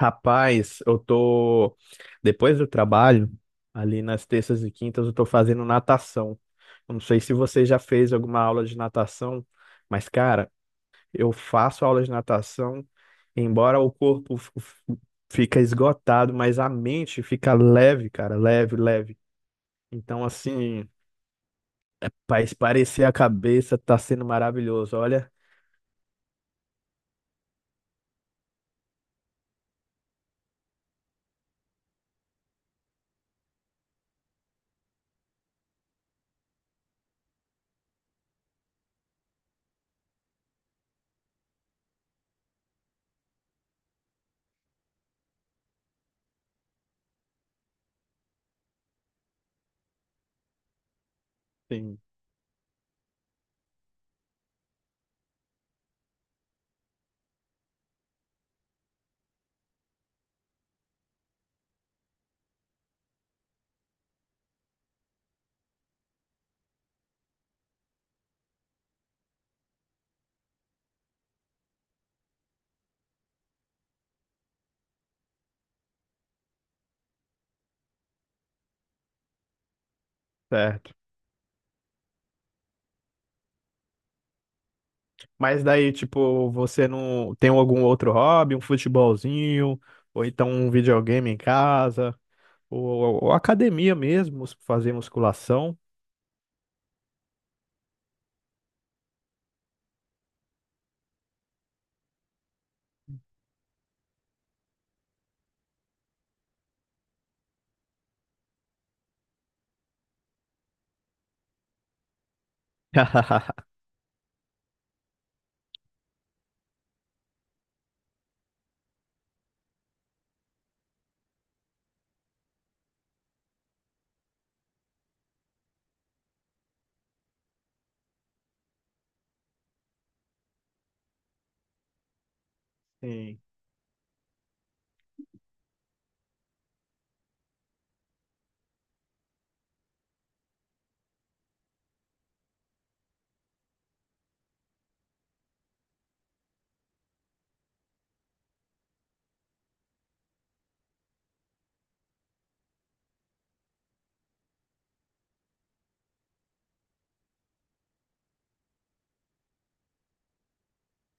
Rapaz, eu tô. Depois do trabalho, ali nas terças e quintas, eu tô fazendo natação. Eu não sei se você já fez alguma aula de natação, mas, cara, eu faço aula de natação, embora o corpo fica esgotado, mas a mente fica leve, cara, leve, leve. Então, assim, para espairecer a cabeça, tá sendo maravilhoso. Olha, sim, certo. Mas daí, tipo, você não tem algum outro hobby, um futebolzinho, ou então um videogame em casa, ou academia mesmo, fazer musculação. Sim.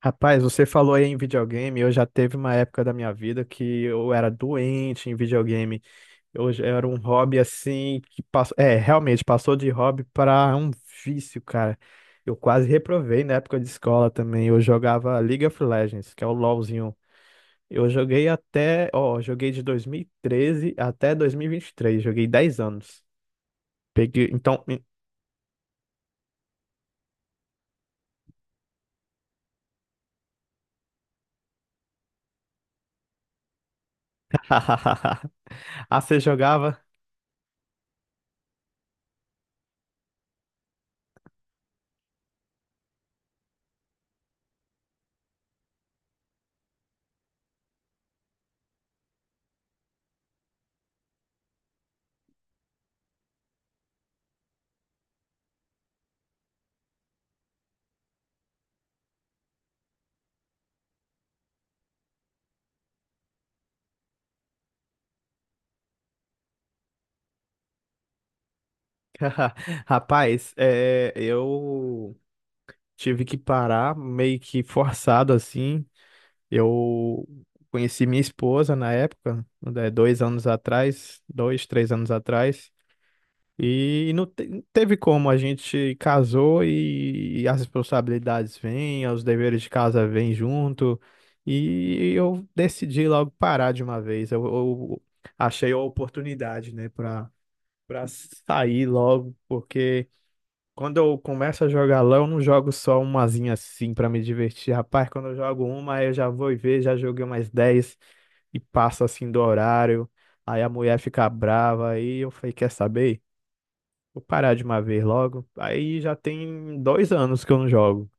Rapaz, você falou aí em videogame, eu já teve uma época da minha vida que eu era doente em videogame. Eu já era um hobby assim que passou, é, realmente passou de hobby para um vício, cara. Eu quase reprovei na época de escola também. Eu jogava League of Legends, que é o LoLzinho. Eu joguei até, ó, joguei de 2013 até dois mil e vinte e três, joguei 10 anos. Peguei, então. Ah, você jogava? Rapaz, é, eu tive que parar meio que forçado assim. Eu conheci minha esposa na época, né, 2 anos atrás, dois, 3 anos atrás. E não teve como, a gente casou e as responsabilidades vêm, os deveres de casa vêm junto, e eu decidi logo parar de uma vez. Eu achei a oportunidade, né, para sair logo, porque quando eu começo a jogar LoL, eu não jogo só umazinha assim para me divertir. Rapaz, quando eu jogo uma, aí eu já vou e ver, já joguei mais 10 e passo assim do horário, aí a mulher fica brava, aí eu falei, quer saber? Vou parar de uma vez logo. Aí já tem 2 anos que eu não jogo.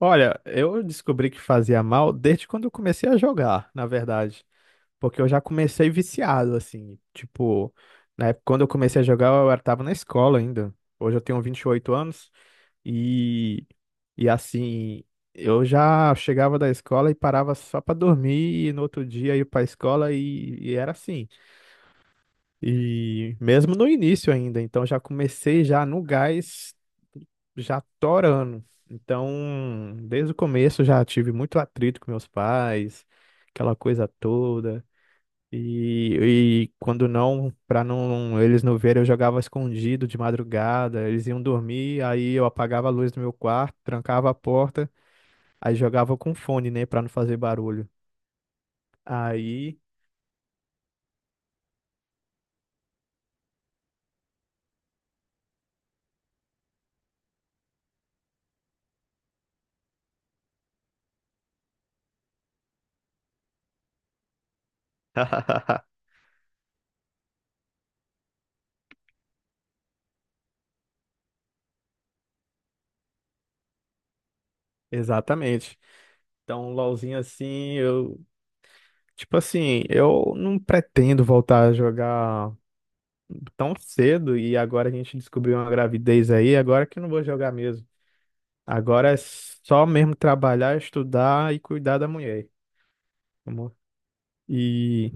Olha, eu descobri que fazia mal desde quando eu comecei a jogar, na verdade. Porque eu já comecei viciado, assim. Tipo, na época, quando eu comecei a jogar, tava na escola ainda. Hoje eu tenho 28 anos e, e assim, eu já chegava da escola e parava só pra dormir e no outro dia ia pra escola e era assim. E mesmo no início ainda, então já comecei já no gás, já torando. Então, desde o começo já tive muito atrito com meus pais, aquela coisa toda. E quando não, para não eles não verem, eu jogava escondido de madrugada, eles iam dormir, aí eu apagava a luz do meu quarto, trancava a porta, aí jogava com fone, né, para não fazer barulho. Aí Exatamente. Então, um LOLzinho assim, eu Tipo assim, eu não pretendo voltar a jogar tão cedo e agora a gente descobriu uma gravidez aí, agora que eu não vou jogar mesmo. Agora é só mesmo trabalhar, estudar e cuidar da mulher. Amor. E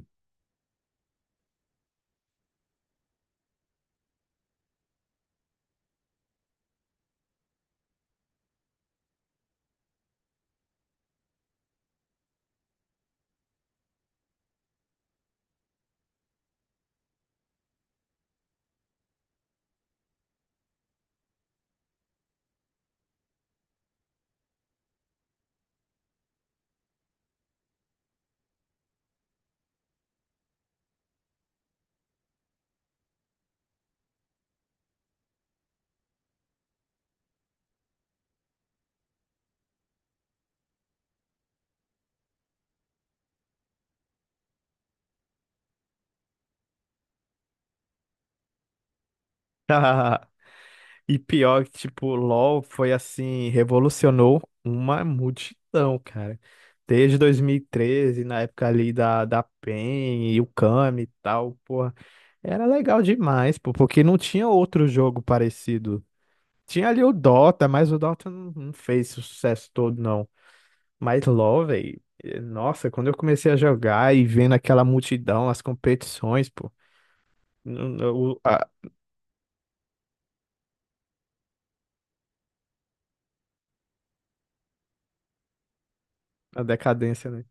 e pior que tipo, LoL foi assim, revolucionou uma multidão, cara. Desde 2013, na época ali da PEN e o Kami e tal, porra. Era legal demais, pô, porque não tinha outro jogo parecido. Tinha ali o Dota, mas o Dota não fez esse sucesso todo, não. Mas LoL, velho, nossa, quando eu comecei a jogar e vendo aquela multidão, as competições, pô, n- n- o- a, a decadência, né?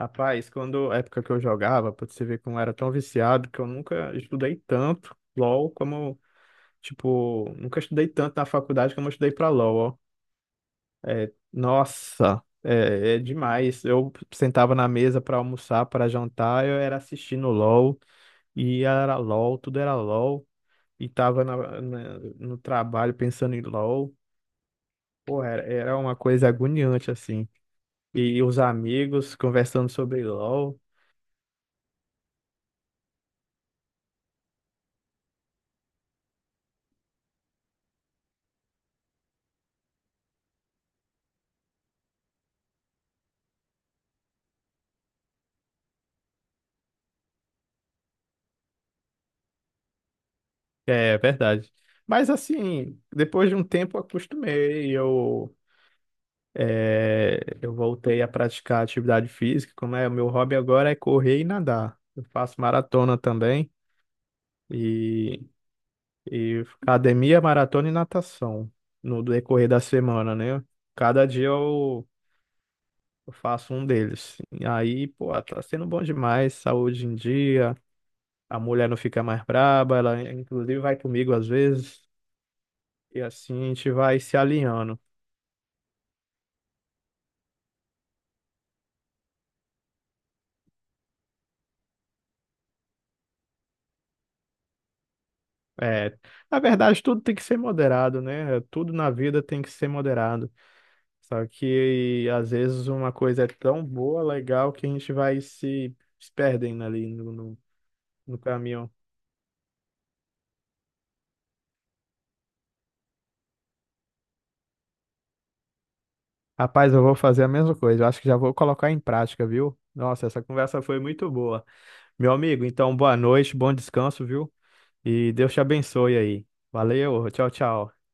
Rapaz, quando a época que eu jogava, pra você ver como eu era tão viciado, que eu nunca estudei tanto LoL como, tipo, nunca estudei tanto na faculdade como eu estudei pra LoL, ó. É, nossa, é demais. Eu sentava na mesa pra almoçar, pra jantar, eu era assistindo LoL. E era LOL, tudo era LOL. E tava no trabalho pensando em LOL. Pô, era uma coisa agoniante, assim. E os amigos conversando sobre LOL. É verdade. Mas, assim, depois de um tempo eu acostumei. Eu voltei a praticar atividade física. Como é, o meu hobby agora é correr e nadar. Eu faço maratona também. e E academia, maratona e natação no decorrer da semana, né? Cada dia eu faço um deles. E aí, pô, tá sendo bom demais, saúde em dia, a mulher não fica mais braba, ela inclusive vai comigo às vezes, e assim a gente vai se alinhando. É, na verdade, tudo tem que ser moderado, né? Tudo na vida tem que ser moderado. Só que às vezes uma coisa é tão boa, legal, que a gente vai se perdendo ali no caminho. Rapaz, eu vou fazer a mesma coisa. Eu acho que já vou colocar em prática, viu? Nossa, essa conversa foi muito boa. Meu amigo, então boa noite, bom descanso, viu? E Deus te abençoe aí. Valeu, tchau, tchau.